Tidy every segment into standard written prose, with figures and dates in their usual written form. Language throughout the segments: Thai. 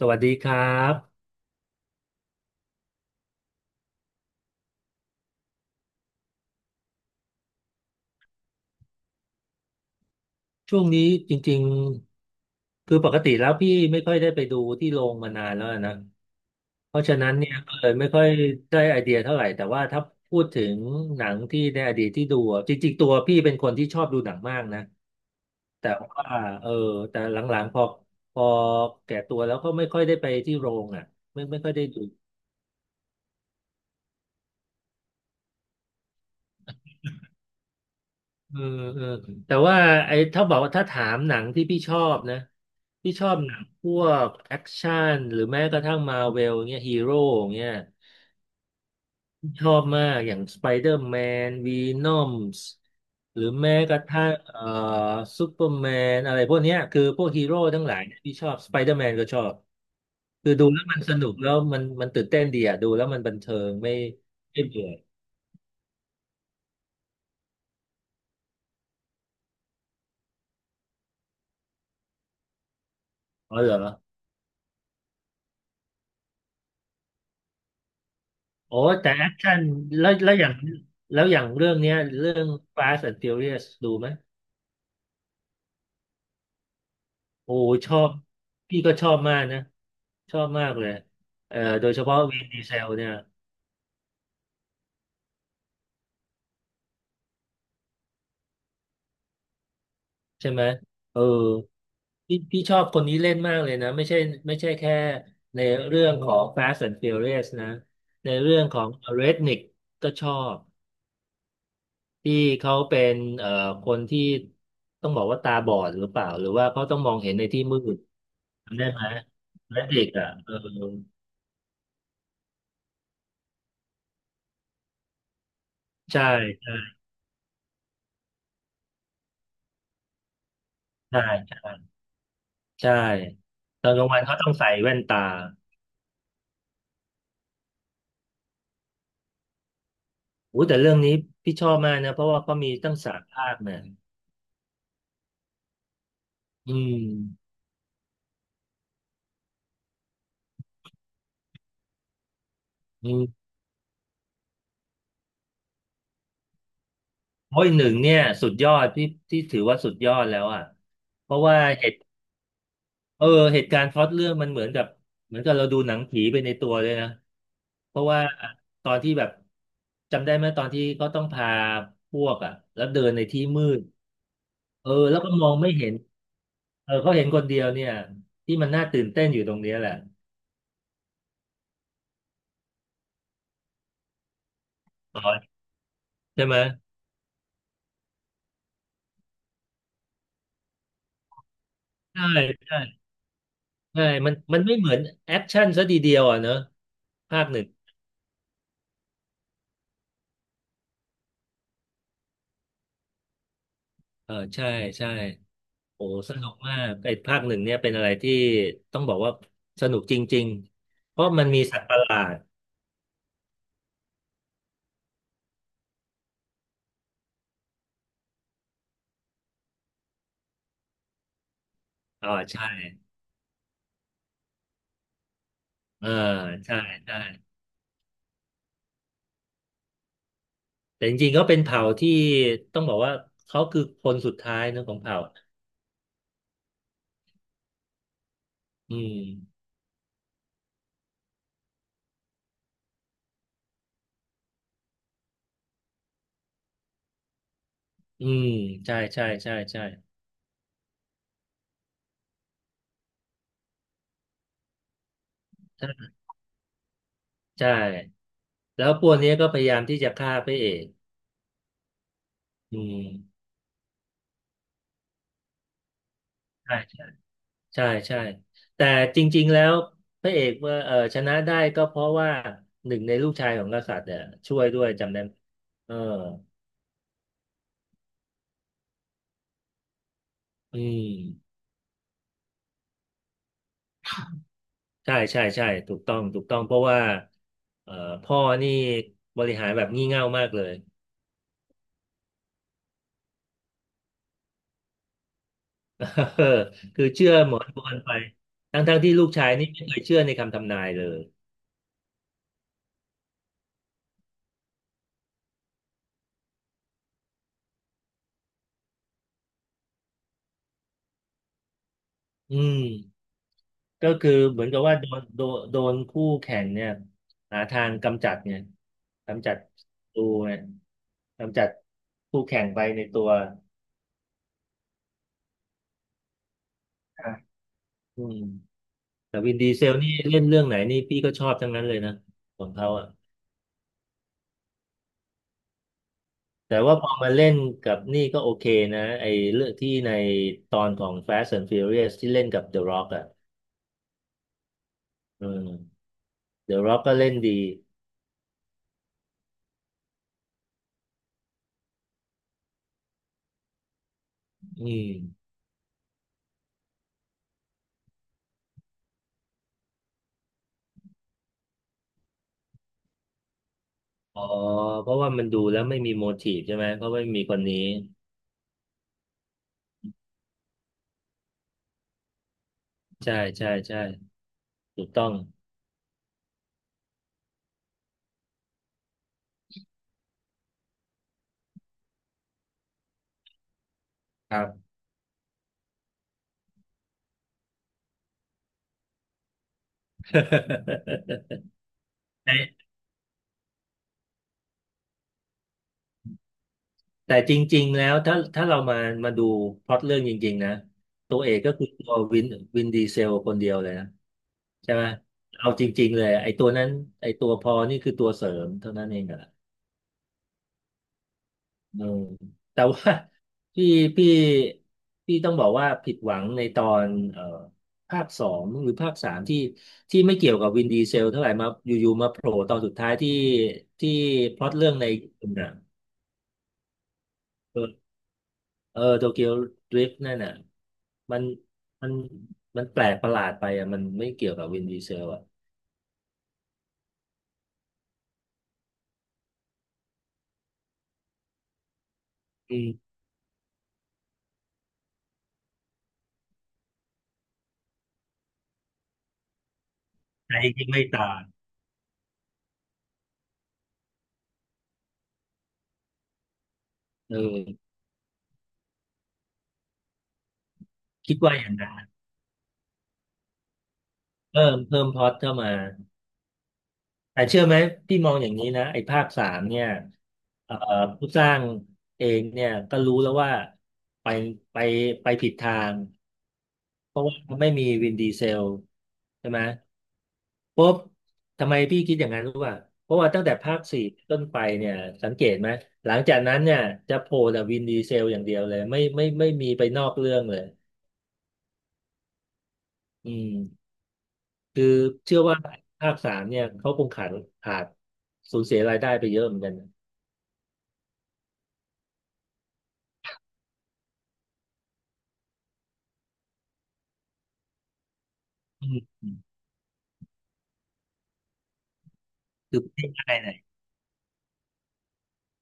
สวัสดีครับช่วงนี้จริงๆคือปกติแล้วพี่ไม่ค่อยได้ไปดูที่โรงมานานแล้วนะเพราะฉะนั้นเนี่ยก็เลยไม่ค่อยได้ไอเดียเท่าไหร่แต่ว่าถ้าพูดถึงหนังที่ในอดีตที่ดูอะจริงๆตัวพี่เป็นคนที่ชอบดูหนังมากนะแต่ว่าเออแต่หลังๆพอแก่ตัวแล้วก็ไม่ค่อยได้ไปที่โรงอ่ะไม่ค่อยได้ดู เออเออแต่ว่าไอ้ถ้าบอกว่าถ้าถามหนังที่พี่ชอบนะพี่ชอบหนังพวกแอคชั่นหรือแม้กระทั่งมาเวลเงี้ยฮีโร่เงี้ยชอบมากอย่างสไปเดอร์แมนวีนอมส์หรือแม้กระทั่งซูเปอร์แมนอะไรพวกเนี้ยคือพวกฮีโร่ทั้งหลายเนี่ยพี่ชอบสไปเดอร์แมนก็ชอบคือดูแล้วมันสนุกแล้วมันตื่นเต้นดีอ่ะดูแล้วมันบันเทิงไม่ไม่เบื่ออ๋อเหรอ โอ้แต่แอคชั่นแล้วแล้วอย่างแล้วอย่างเรื่องเนี้ยเรื่อง Fast and Furious ดูไหมโอ้ชอบพี่ก็ชอบมากนะชอบมากเลยโดยเฉพาะวินดีเซลเนี่ยใช่ไหมเออพี่ชอบคนนี้เล่นมากเลยนะไม่ใช่ไม่ใช่แค่ในเรื่องของ Fast and Furious นะในเรื่องของ Redneck ก็ชอบที่เขาเป็นเอ่อคนที่ต้องบอกว่าตาบอดหรือเปล่าหรือว่าเขาต้องมองเห็นในที่มืด จำได้ไหมและเด็กอ่ะเออใช่ใช่ใช่ใช่ตอนกลางวันเขาต้องใส่แว่นตาอู้แต่เรื่องนี้พี่ชอบมากนะเพราะว่าเขามีตั้งสามภาคเนี่ยอืมอืมโอ้ยหนึ่งเนี่ยสุดยอดที่ที่ถือว่าสุดยอดแล้วอ่ะเพราะว่าเหตุเออเหตุการณ์พล็อตเรื่องมันเหมือนกับเหมือนกับเราดูหนังผีไปในตัวเลยนะเพราะว่าตอนที่แบบจำได้ไหมตอนที่เขาต้องพาพวกอ่ะแล้วเดินในที่มืด เออแล้วก็มองไม่เห็นเออเขาเห็นคนเดียวเนี่ยที่มันน่าตื่นเต้นอยู่ตรงเนี้ยแหละอ๋อใช่ไหมใช่ใช่ใช่มันไม่เหมือนแอคชั่นซะทีเดียวอ่ะเนอะภาคหนึ่งเออใช่ใช่โอ้สนุกมากไอ้ภาคหนึ่งเนี่ยเป็นอะไรที่ต้องบอกว่าสนุกจริงๆเพราะมันมีสัตว์ประหลาดอ๋อใช่เออใช่ใช่แต่จริงๆก็เป็นเผ่าที่ต้องบอกว่าเขาคือคนสุดท้ายเนอะของเผ่าอืมอืมใช่ใช่ใช่ใช่ ใช่แล้วพวกนี้ก็พยายามที่จะฆ่าพระเอกอืมใช่ใช่ใช่แต่จริงๆแล้วพระเอกว่าเออชนะได้ก็เพราะว่าหนึ่งในลูกชายของกษัตริย์เนี่ยช่วยด้วยจำได้ไหมเอออืมใช่ใช่ใช่ถูกต้องถูกต้องเพราะว่าเอ่อพ่อนี่บริหารแบบงี่เง่ามากเลย เออคือเชื่อหมอดูกันไปทั้งๆที่ลูกชายนี่ไม่เคยเชื่อในคำทำนายเลยอืม ก็คือเหมือนกับว่าโดนคู่แข่งเนี่ยหาทางกำจัดเนี่ยกำจัดัตูเนี่ยกำจัดคู่แข่งไปในตัวอ่าอืมแต่วินดีเซลนี่เล่นเรื่องไหนนี่พี่ก็ชอบทั้งนั้นเลยนะของเขาอ่ะแต่ว่าพอมาเล่นกับนี่ก็โอเคนะไอ้เรื่องที่ในตอนของ Fast and Furious ที่เล่นกับ The Rock อ่ะอืม The Rock ก็เล่นดีอืมอ๋อเพราะว่ามันดูแล้วไม่มีโมทีฟใช่ไหมเพราะว่าไม่มีคนนี้ใช่ใช่ใช่ ถูกต้องครับ แต่แต่จริงๆแล้วถ้าเรามามาดูพล็อตเรื่องจริงๆนะตัวเอกก็คือตัววินวินดีเซลคนเดียวเลยนะใช่ไหมเอาจริงๆเลยไอ้ตัวนั้นไอ้ตัวพอนี่คือตัวเสริมเท่านั้นเองอะเออแต่ว่า พี่พี่พี่ต้องบอกว่าผิดหวังในตอนภาคสองหรือภาคสามที่ที่ไม่เกี่ยวกับวินดีเซลเท่าไหร่มาอยู่ๆมาโผล่ตอนสุดท้ายที่ที่พล็อตเรื่องในญีปุ่นอะเออ เออโตเกียวดริฟต์นั่นน่ะมันมันมันแปลกประหลาดไปอ่ะมันไม่เกี่ยวกับวินดีเซลอ่ะอืมใจที่ไม่ตายเออคิดว่าอย่างนั้นเพิ่มพล็อตเข้ามาแต่เชื่อไหมพี่มองอย่างนี้นะไอ้ภาคสามเนี่ยเอ่อผู้สร้างเองเนี่ยก็รู้แล้วว่าไปไปไปผิดทางเพราะว่าไม่มีวินดีเซลใช่ไหม ปุ๊บทำไมพี่คิดอย่างนั้นรู้ป่ะเพราะว่าตั้งแต่ภาคสี่ต้นไปเนี่ยสังเกตไหมหลังจากนั้นเนี่ยจะโผล่แต่วินดีเซลอย่างเดียวเลยไม่มีไปนอกเรื่องเลยอืมคือเชื่อว่าภาคสามเนี่ยเขาคงขาดสูญเสียรายได้ไปเยอะเหมือนกันนะอืมคือไม่ได้ไหน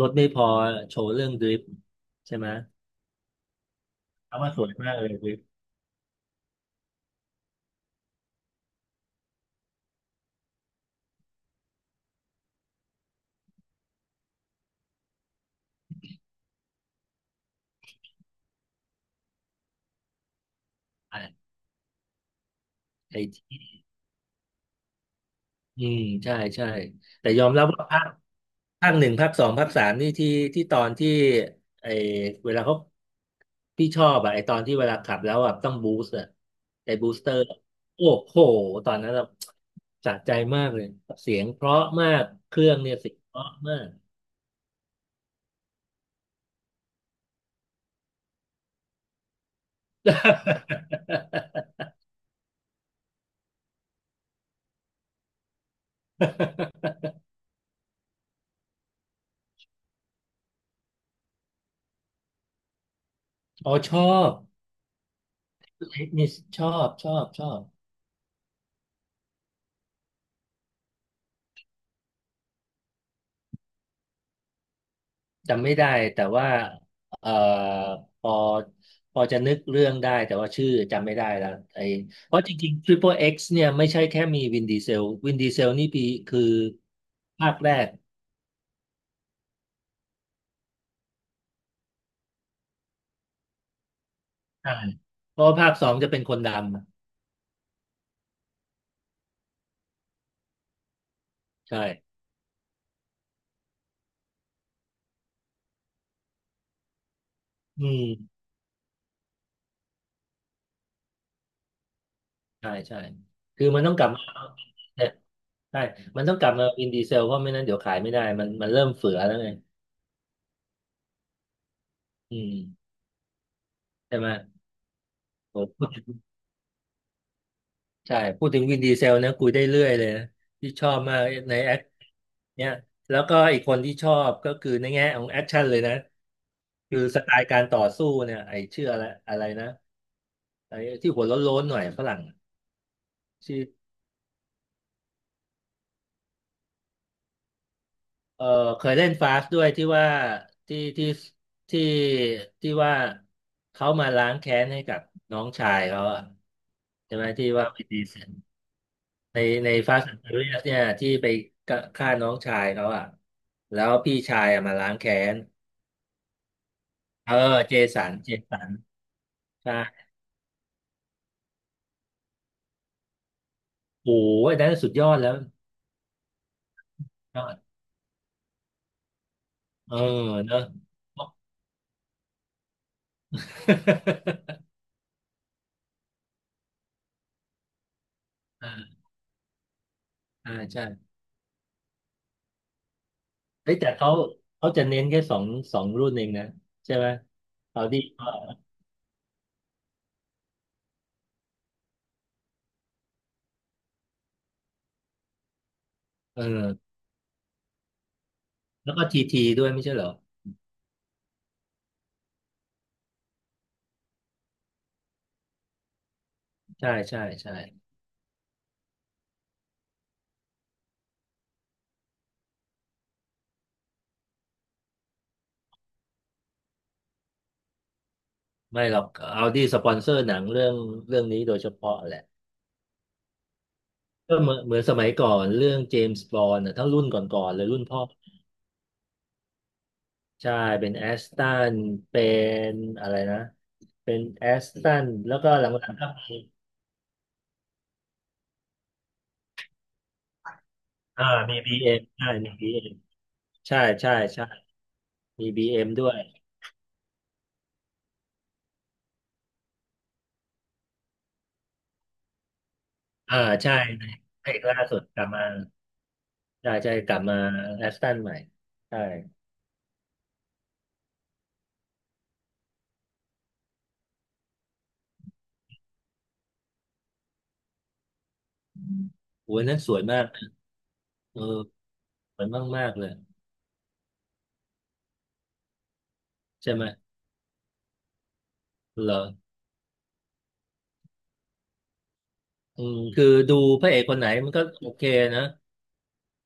รถไม่พอโชว์เรื่องดริฟต์ใช่ไหมเอามาสวยมากเลยดริฟต์อ่ะไอ้ อืมใช่ใช่แต่ยอมรับว่าภาคหนึ่งภาคสองภาคสามนี่ที่ตอนที่ไอเวลาเขาพี่ชอบอะไอตอนที่เวลาขับแล้วอะต้องบูสต์อะไอบูสเตอร์โอ้โหตอนนั้นเราสะใจมากเลยเสียงเพราะมากเครื่องเนี่ยเสียงเพราะมาก อ๋อชอบนี่ชอบชอบชอบ จำไม่ได้แต่ว่าเอ่อพอพอจะนึกเรื่องได้แต่ว่าชื่อจำไม่ได้แล้วไอ้เพราะจริงๆ Triple X เนี่ยไม่ใช่แค่มีวินดีเซลนี่ปีคือภาคแรกใช่เพราะว่าภาคสองจะเป็นคนดำใช่อืมใช่ใช่คือมันต้องกลับมาเนี่ยใช่มันต้องกลับมาวินดีเซลเพราะไม่นั้นเดี๋ยวขายไม่ได้มันเริ่มเฟือแล้วไงอืมใช่ไหม ใช่พูดถึงวินดีเซลนะคุยได้เรื่อยเลยนะที่ชอบมากในแอคเนี่ยแล้วก็อีกคนที่ชอบก็คือในแง่ของแอคชั่นเลยนะคือสไตล์การต่อสู้เนี่ยไอ้ชื่ออะไรอะไรนะไอ้ที่หัวโล้นๆหน่อยฝรั่งชื่อเออเคยเล่นฟาสด้วยที่ว่าที่ที่ที่ที่ว่าเขามาล้างแค้นให้กับน้องชายเขาอะใช่ไหมที่ว่าวินดีเซล ในในฟาสต์แอนด์ฟิวเรียสเนี่ยที่ไปฆ่าน้องชายเขาอ่ะแล้วพี่ชายอะมาล้างแค้นเออเจสันเจสันใช่โอ้ยนั้นสุดยอดแล้วยอดเออเนอะ อ่าใช่เฮ้ยแต่เขาเขาจะเน้นแค่สองรุ่นเองนะใช่ไหมเอาดีก็เออแล้วก็ทีทีด้วยไม่ใช่เหรอใช่ใช่ใช่ไม่หรอกเอาดีสปอนเซอร์หนังเรื่องนี้โดยเฉพาะแหละ ก็เหมือนสมัยก่อนเรื่องเจมส์บอนด์ทั้งรุ่นก่อนๆเลยรุ่นพ่อใช่เป็นแอสตันเป็นอะไรนะเป็นแอสตันแล้วก็หลังๆก็มีอ่ามีบีเอ็มใช่มีบีเอ็มใช่ใช่ใช่มีบีเอ็มด้วยอ่าใช่ในเพลงล่าสุดกลับมาใช่ใช่กลับมาแอสตันใหม่ใช่โอ้ยนั้นสวยมากเออสวยมากมากเลยใช่ไหมเหรออืมคือดูพระเอกคนไหนมันก็โอเคนะ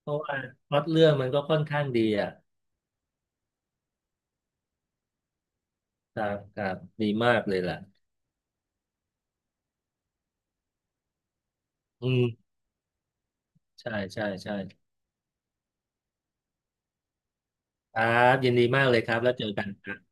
เพราะว่าพล็อตเรื่องมันก็ค่อนข้างดีอ่ะครับครับดีมากเลยล่ะอืมใช่ใช่ใช่ครับยินดีมากเลยครับ แล้วเจอกันครับ